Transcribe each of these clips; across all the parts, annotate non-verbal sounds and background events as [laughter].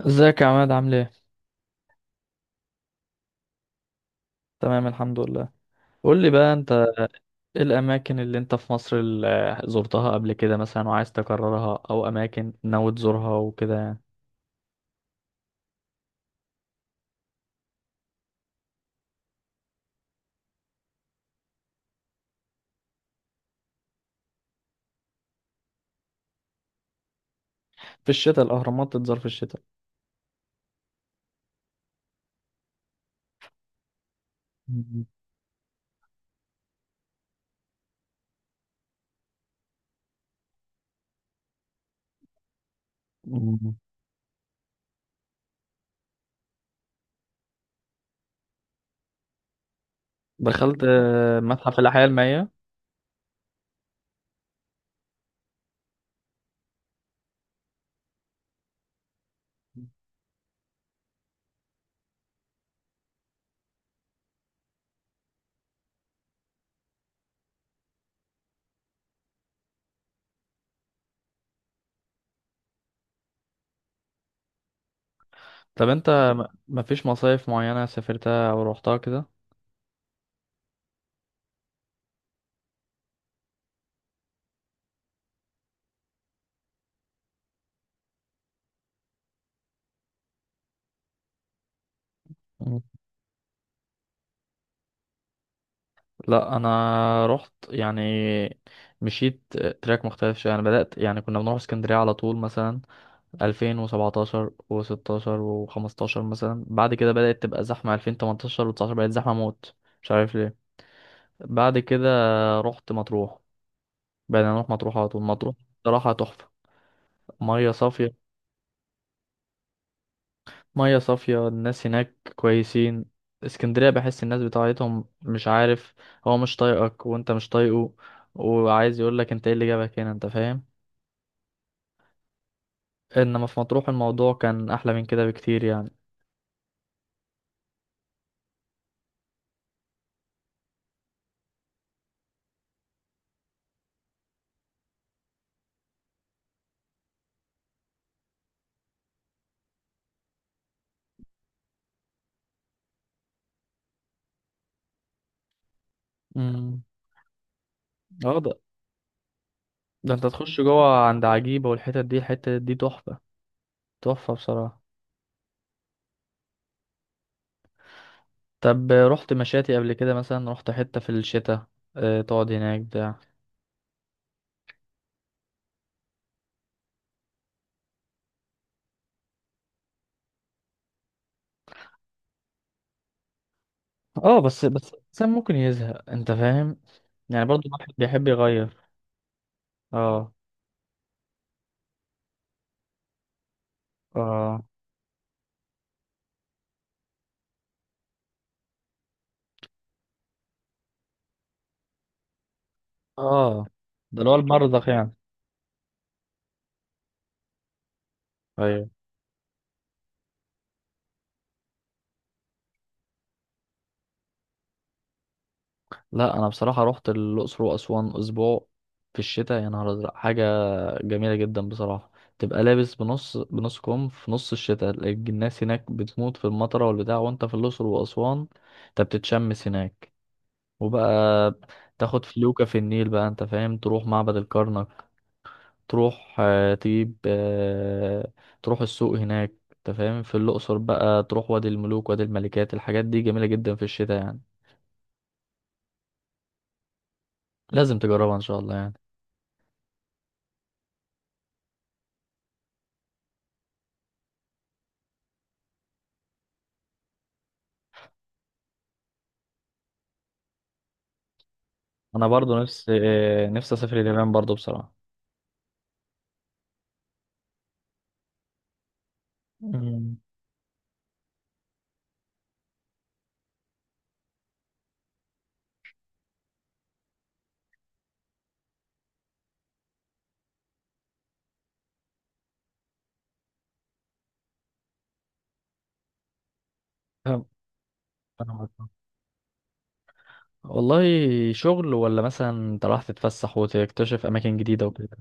ازيك يا عماد عامل ايه؟ تمام الحمد لله. قول لي بقى انت، ايه الاماكن اللي انت في مصر اللي زرتها قبل كده مثلا وعايز تكررها او اماكن ناوي تزورها وكده يعني. في الشتاء الاهرامات تتزار في الشتاء. [laughs] مم. مم. دخلت متحف الاحياء المائية. طب انت مفيش مصايف معينة سافرتها او روحتها كده؟ مم. لا انا رحت يعني، مشيت. تراك مختلف شويه. انا بدات يعني، كنا بنروح اسكندريه على طول مثلا 2017 و16 و15 مثلا. بعد كده بدأت تبقى زحمة 2018 و19، بقت زحمة موت، مش عارف ليه. بعد كده رحت مطروح، بقينا نروح مطروح على طول مطروح. صراحة تحفة، مية صافية. مية صافية، الناس هناك كويسين. اسكندرية بحس الناس بتاعتهم، مش عارف، هو مش طايقك وانت مش طايقه، وعايز يقولك انت ايه اللي جابك هنا، انت فاهم. انما في مطروح الموضوع كان احلى من كده بكتير يعني. امم، ده انت تخش جوه عند عجيبة والحتت دي، الحتة دي تحفة، تحفة بصراحة. طب رحت مشاتي قبل كده مثلا؟ رحت حتة في الشتاء؟ اه، تقعد هناك بتاع. اه، بس الإنسان ممكن يزهق، انت فاهم، يعني برضو الواحد بيحب يغير. اه، اه، اه، ده اللي هو المرضخ يعني. ايوه. لا انا بصراحة رحت الأقصر وأسوان أسبوع في الشتاء، يا نهار أزرق حاجة جميلة جدا بصراحة. تبقى لابس بنص بنص كم في نص الشتاء، الناس هناك بتموت في المطرة والبتاع وانت في الأقصر وأسوان انت بتتشمس هناك. وبقى تاخد فلوكة في النيل بقى، انت فاهم، تروح معبد الكرنك، تروح تجيب تروح السوق هناك، انت فاهم، في الأقصر بقى تروح وادي الملوك وادي الملكات. الحاجات دي جميلة جدا في الشتاء يعني، لازم تجربها ان شاء الله يعني. انا برضو نفسي، نفسي اسافر اليابان برضو بصراحة. مم. فاهم. فاهمك. والله شغل ولا مثلا انت راح تتفسح وتكتشف اماكن جديده وكده؟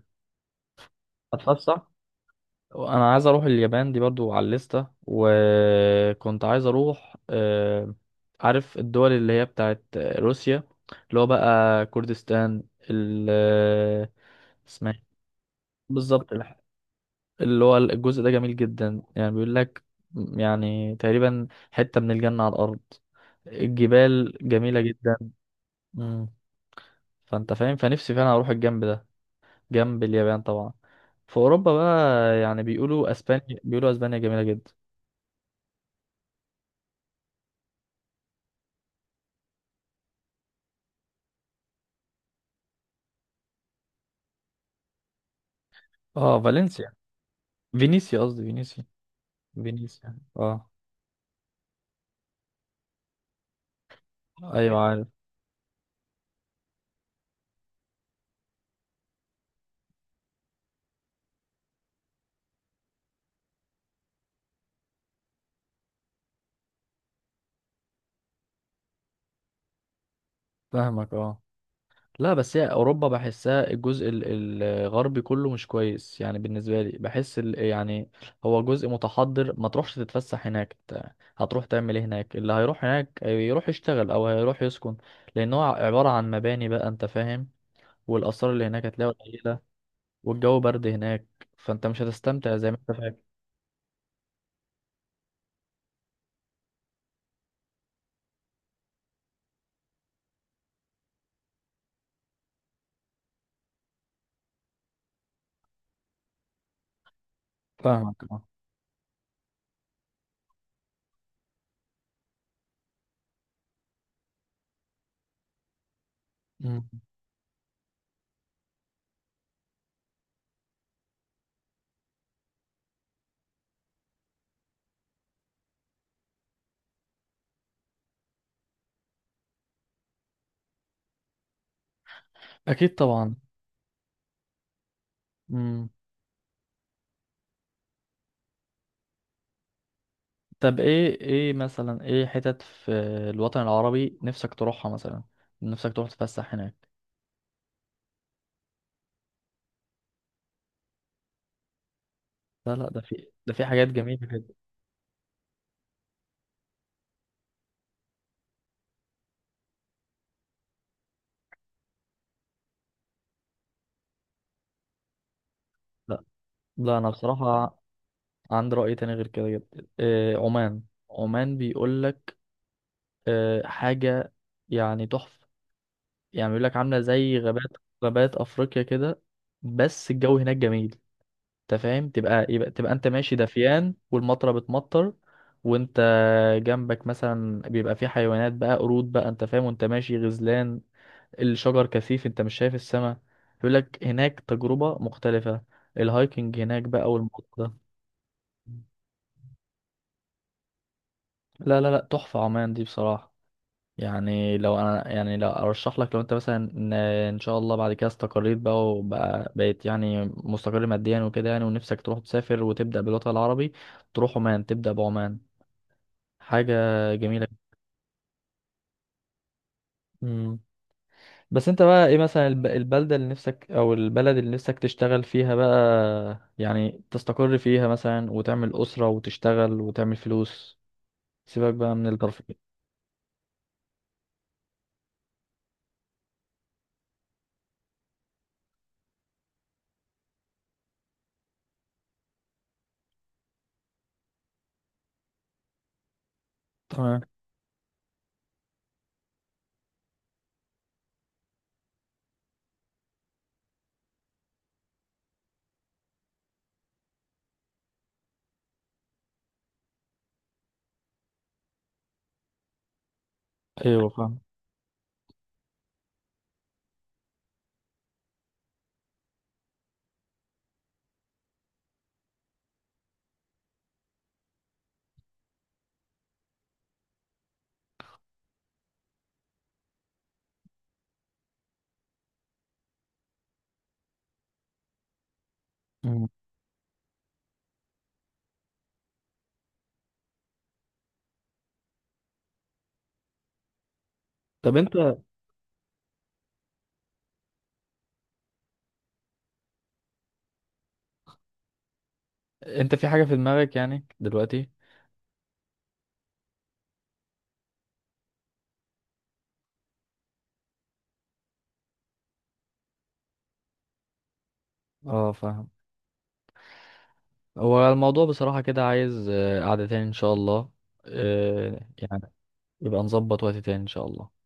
اتفسح. انا عايز اروح اليابان دي برضو على الليسته، وكنت عايز اروح، عارف الدول اللي هي بتاعت روسيا اللي هو بقى كردستان، ال آه، اسمها إيه؟ بالظبط اللي هو الجزء ده جميل جدا يعني، بيقول لك يعني تقريبا حته من الجنه على الارض، الجبال جميله جدا. مم. فانت فاهم، فنفسي فعلا اروح الجنب ده، جنب اليابان طبعا. في اوروبا بقى، يعني بيقولوا اسبانيا، بيقولوا اسبانيا جميله جدا. اه، فالنسيا، فينيسيا قصدي، فينيسيا، فينيسيا اه. ايوه عارف. فاهمك اه. لا بس هي اوروبا بحسها الجزء الغربي كله مش كويس يعني، بالنسبه لي بحس يعني هو جزء متحضر، ما تروحش تتفسح هناك، إنت هتروح تعمل ايه هناك؟ اللي هيروح هناك يروح يشتغل او هيروح يسكن، لان هو عباره عن مباني بقى، انت فاهم، والآثار اللي هناك هتلاقيها قليلة، والجو برد هناك، فانت مش هتستمتع زي ما انت فاكر. فاهمك اه. مم. اكيد طبعا. مم. طب ايه، ايه مثلا، ايه حتت في الوطن العربي نفسك تروحها مثلا، نفسك تروح تتفسح هناك؟ لا لا، ده في، ده في حاجات جميلة جدا. لا لا، انا بصراحة عندي رأي تاني غير كده جدا، إيه عمان. عمان بيقول لك إيه، حاجة يعني تحفة، يعني بيقول لك عاملة زي غابات، غابات افريقيا كده، بس الجو هناك جميل. انت فاهم، تبقى انت ماشي دفيان والمطره بتمطر، وانت جنبك مثلا بيبقى في حيوانات بقى، قرود بقى، انت فاهم، وانت ماشي غزلان، الشجر كثيف انت مش شايف السماء. يقول لك هناك تجربه مختلفه، الهايكنج هناك بقى والموضوع ده. لا تحفه عمان دي بصراحه. يعني لو انا، يعني لو ارشح لك، لو انت مثلا ان إن شاء الله بعد كده استقريت بقى وبقى بقيت يعني مستقر ماديا وكده يعني، ونفسك تروح تسافر وتبدا بالوطن العربي، تروح عمان، تبدا بعمان. حاجة جميلة. مم. بس انت بقى ايه مثلا البلدة اللي نفسك، او البلد اللي نفسك تشتغل فيها بقى، يعني تستقر فيها مثلا وتعمل أسرة وتشتغل وتعمل فلوس، سيبك بقى من الترفيه. تمام. ايوه فاهم. مم. طب انت، انت في حاجة في دماغك يعني دلوقتي؟ اه فاهم. هو الموضوع بصراحة كده عايز قعدة تاني ان شاء الله، يعني يبقى نظبط وقت تاني ان شاء الله.